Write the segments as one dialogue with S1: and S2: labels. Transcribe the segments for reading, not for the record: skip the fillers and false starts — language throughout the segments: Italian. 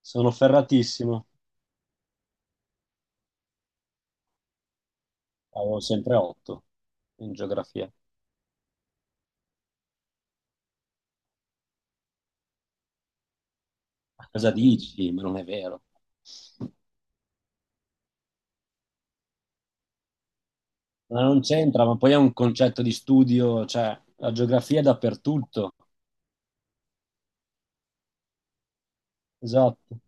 S1: Sono ferratissimo. Avevo sempre 8 in geografia. Ma cosa dici? Ma non è vero. Ma non c'entra, ma poi è un concetto di studio, cioè la geografia è dappertutto. Esatto.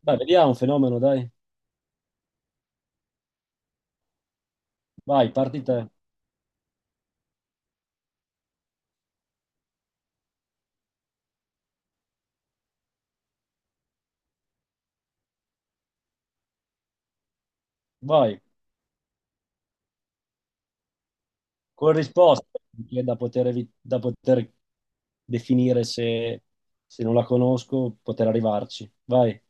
S1: Dai, vediamo un fenomeno, dai. Vai, parti te. Vai. Con risposte, che è da poter, da poter definire se non la conosco, poter arrivarci. Vai,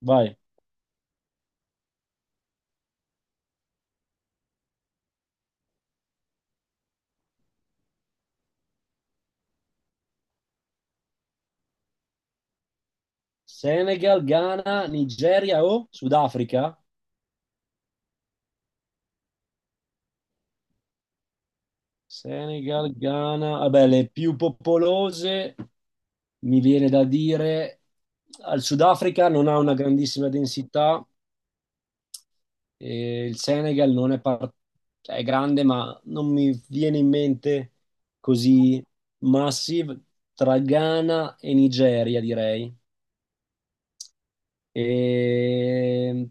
S1: vai. Senegal, Ghana, Nigeria o Sudafrica? Senegal, Ghana, vabbè, le più popolose mi viene da dire al Sudafrica non ha una grandissima densità e il Senegal non è, cioè, è grande, ma non mi viene in mente così massive tra Ghana e Nigeria, direi. E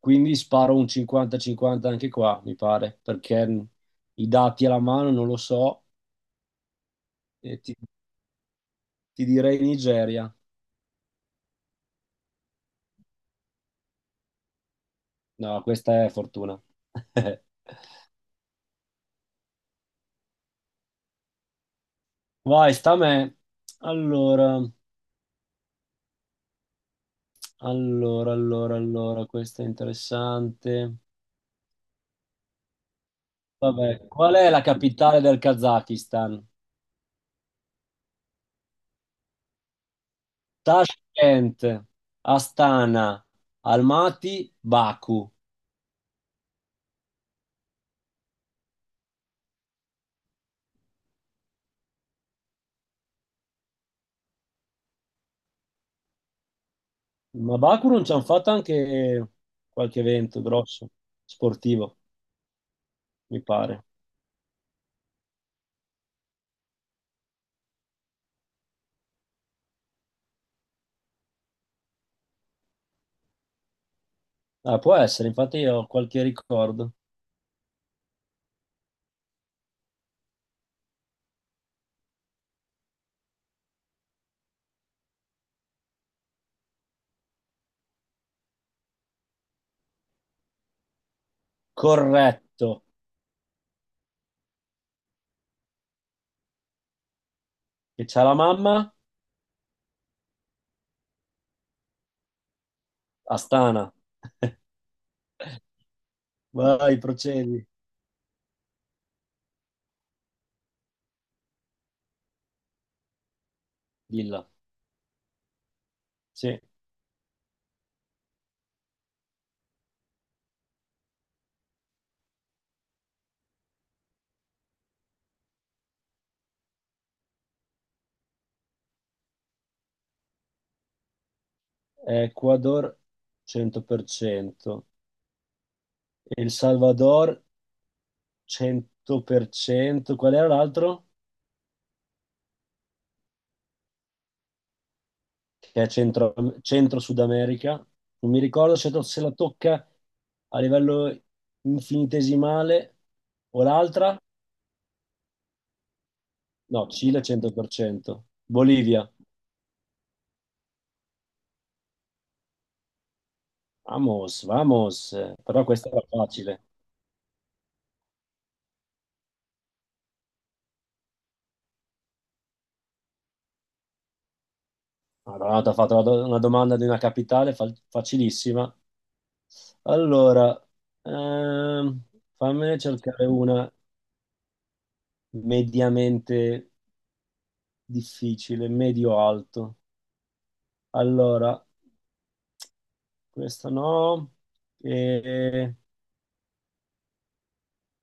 S1: quindi sparo un 50-50 anche qua, mi pare, perché i dati alla mano non lo so. E ti- Ti direi Nigeria. No, questa è fortuna. Vai, sta a me. Allora, allora, questa è interessante. Vabbè, qual è la capitale del Kazakistan? Tashkent, Astana, Almaty, Baku. Ma Baku non ci hanno fatto anche qualche evento grosso, sportivo, mi pare. Ah, può essere, infatti io ho qualche ricordo. Corretto. Che c'ha la mamma? Astana. Vai, procedi. Dilla. Sì. Ecuador 100%. El Salvador 100%. Qual era l'altro? Che è centro Sud America. Non mi ricordo se la tocca a livello infinitesimale o l'altra. No, Cile 100%. Bolivia. Vamos, vamos. Però questa era facile. Madonna, ti ha fatto una domanda di una capitale facilissima. Allora, ehm, fammene cercare una mediamente difficile, medio-alto. Allora, questa no, e,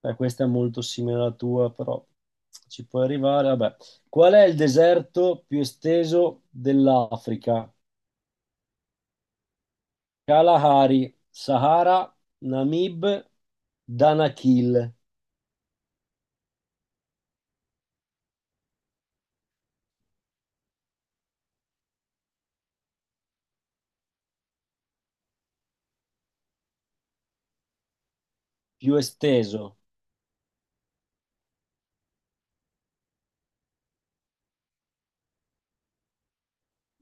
S1: beh, questa è molto simile alla tua, però ci puoi arrivare. Vabbè. Qual è il deserto più esteso dell'Africa? Kalahari, Sahara, Namib, Danakil, più esteso.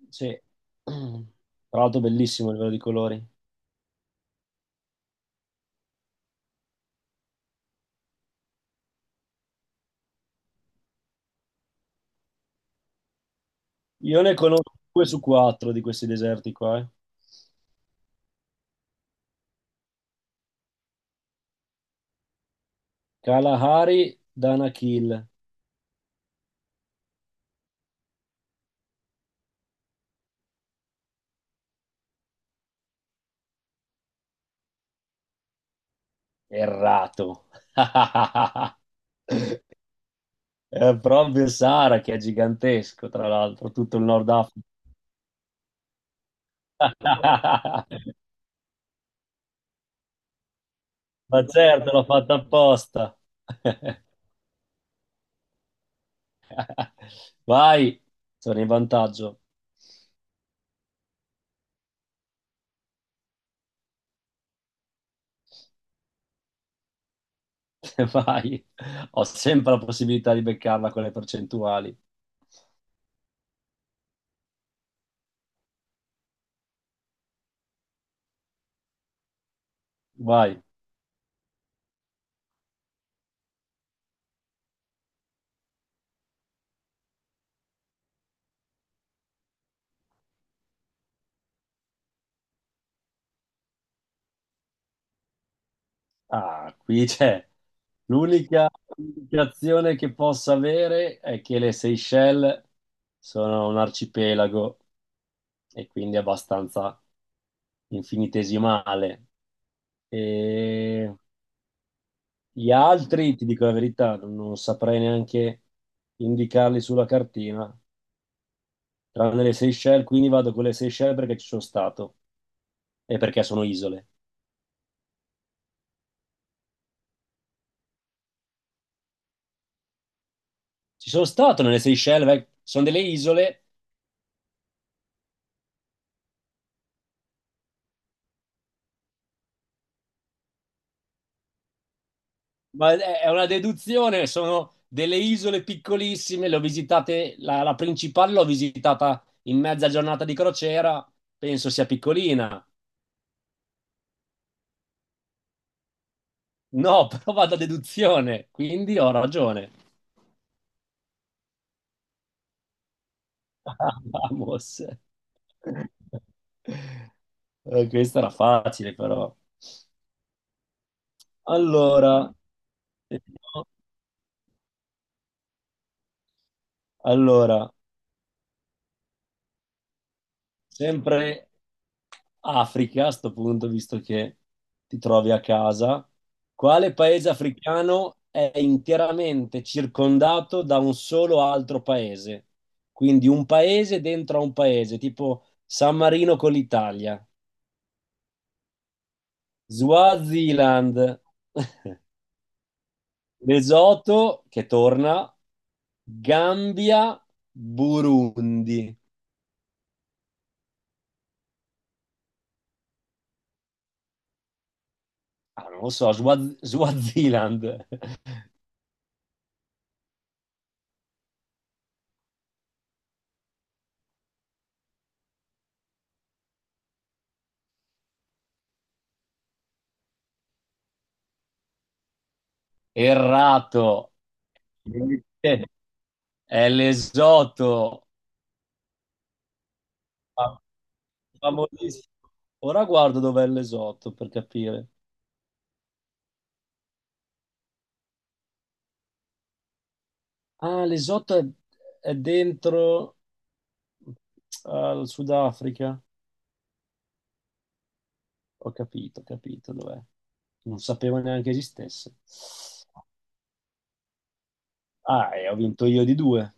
S1: Sì. Tra l'altro bellissimo a livello di colori. Io ne conosco due su quattro di questi deserti qua. Kalahari, Danakil. Errato. È proprio il Sahara che è gigantesco, tra l'altro, tutto il Nord Africa. Ma certo, l'ho fatta apposta. Vai, sono in vantaggio. Vai. Ho sempre la possibilità di beccarla con le percentuali. Vai. Ah, qui c'è. L'unica indicazione che possa avere è che le Seychelles sono un arcipelago e quindi abbastanza infinitesimale. E gli altri, ti dico la verità, non saprei neanche indicarli sulla cartina, tranne le Seychelles, quindi vado con le Seychelles perché ci sono stato e perché sono isole. Ci sono stato nelle Seychelles, sono delle isole. Ma è una deduzione, sono delle isole piccolissime, le ho visitate, la principale l'ho visitata in mezza giornata di crociera, penso sia piccolina. No, però vado a deduzione, quindi ho ragione. Vamos. Questa era facile, però. Allora, vediamo. allora, Sempre Africa a sto punto, visto che ti trovi a casa. Quale paese africano è interamente circondato da un solo altro paese? Quindi un paese dentro a un paese, tipo San Marino con l'Italia. Swaziland, Lesotho che torna, Gambia, Burundi. Ah, non lo so, Swaziland. Errato. È l'esotto, Fa- famosissimo. Ora guardo dov'è l'esotto per capire. Ah, l'esotto è dentro al Sudafrica. Ho capito dov'è. Non sapevo neanche esistesse. Ah, e ho vinto io di due.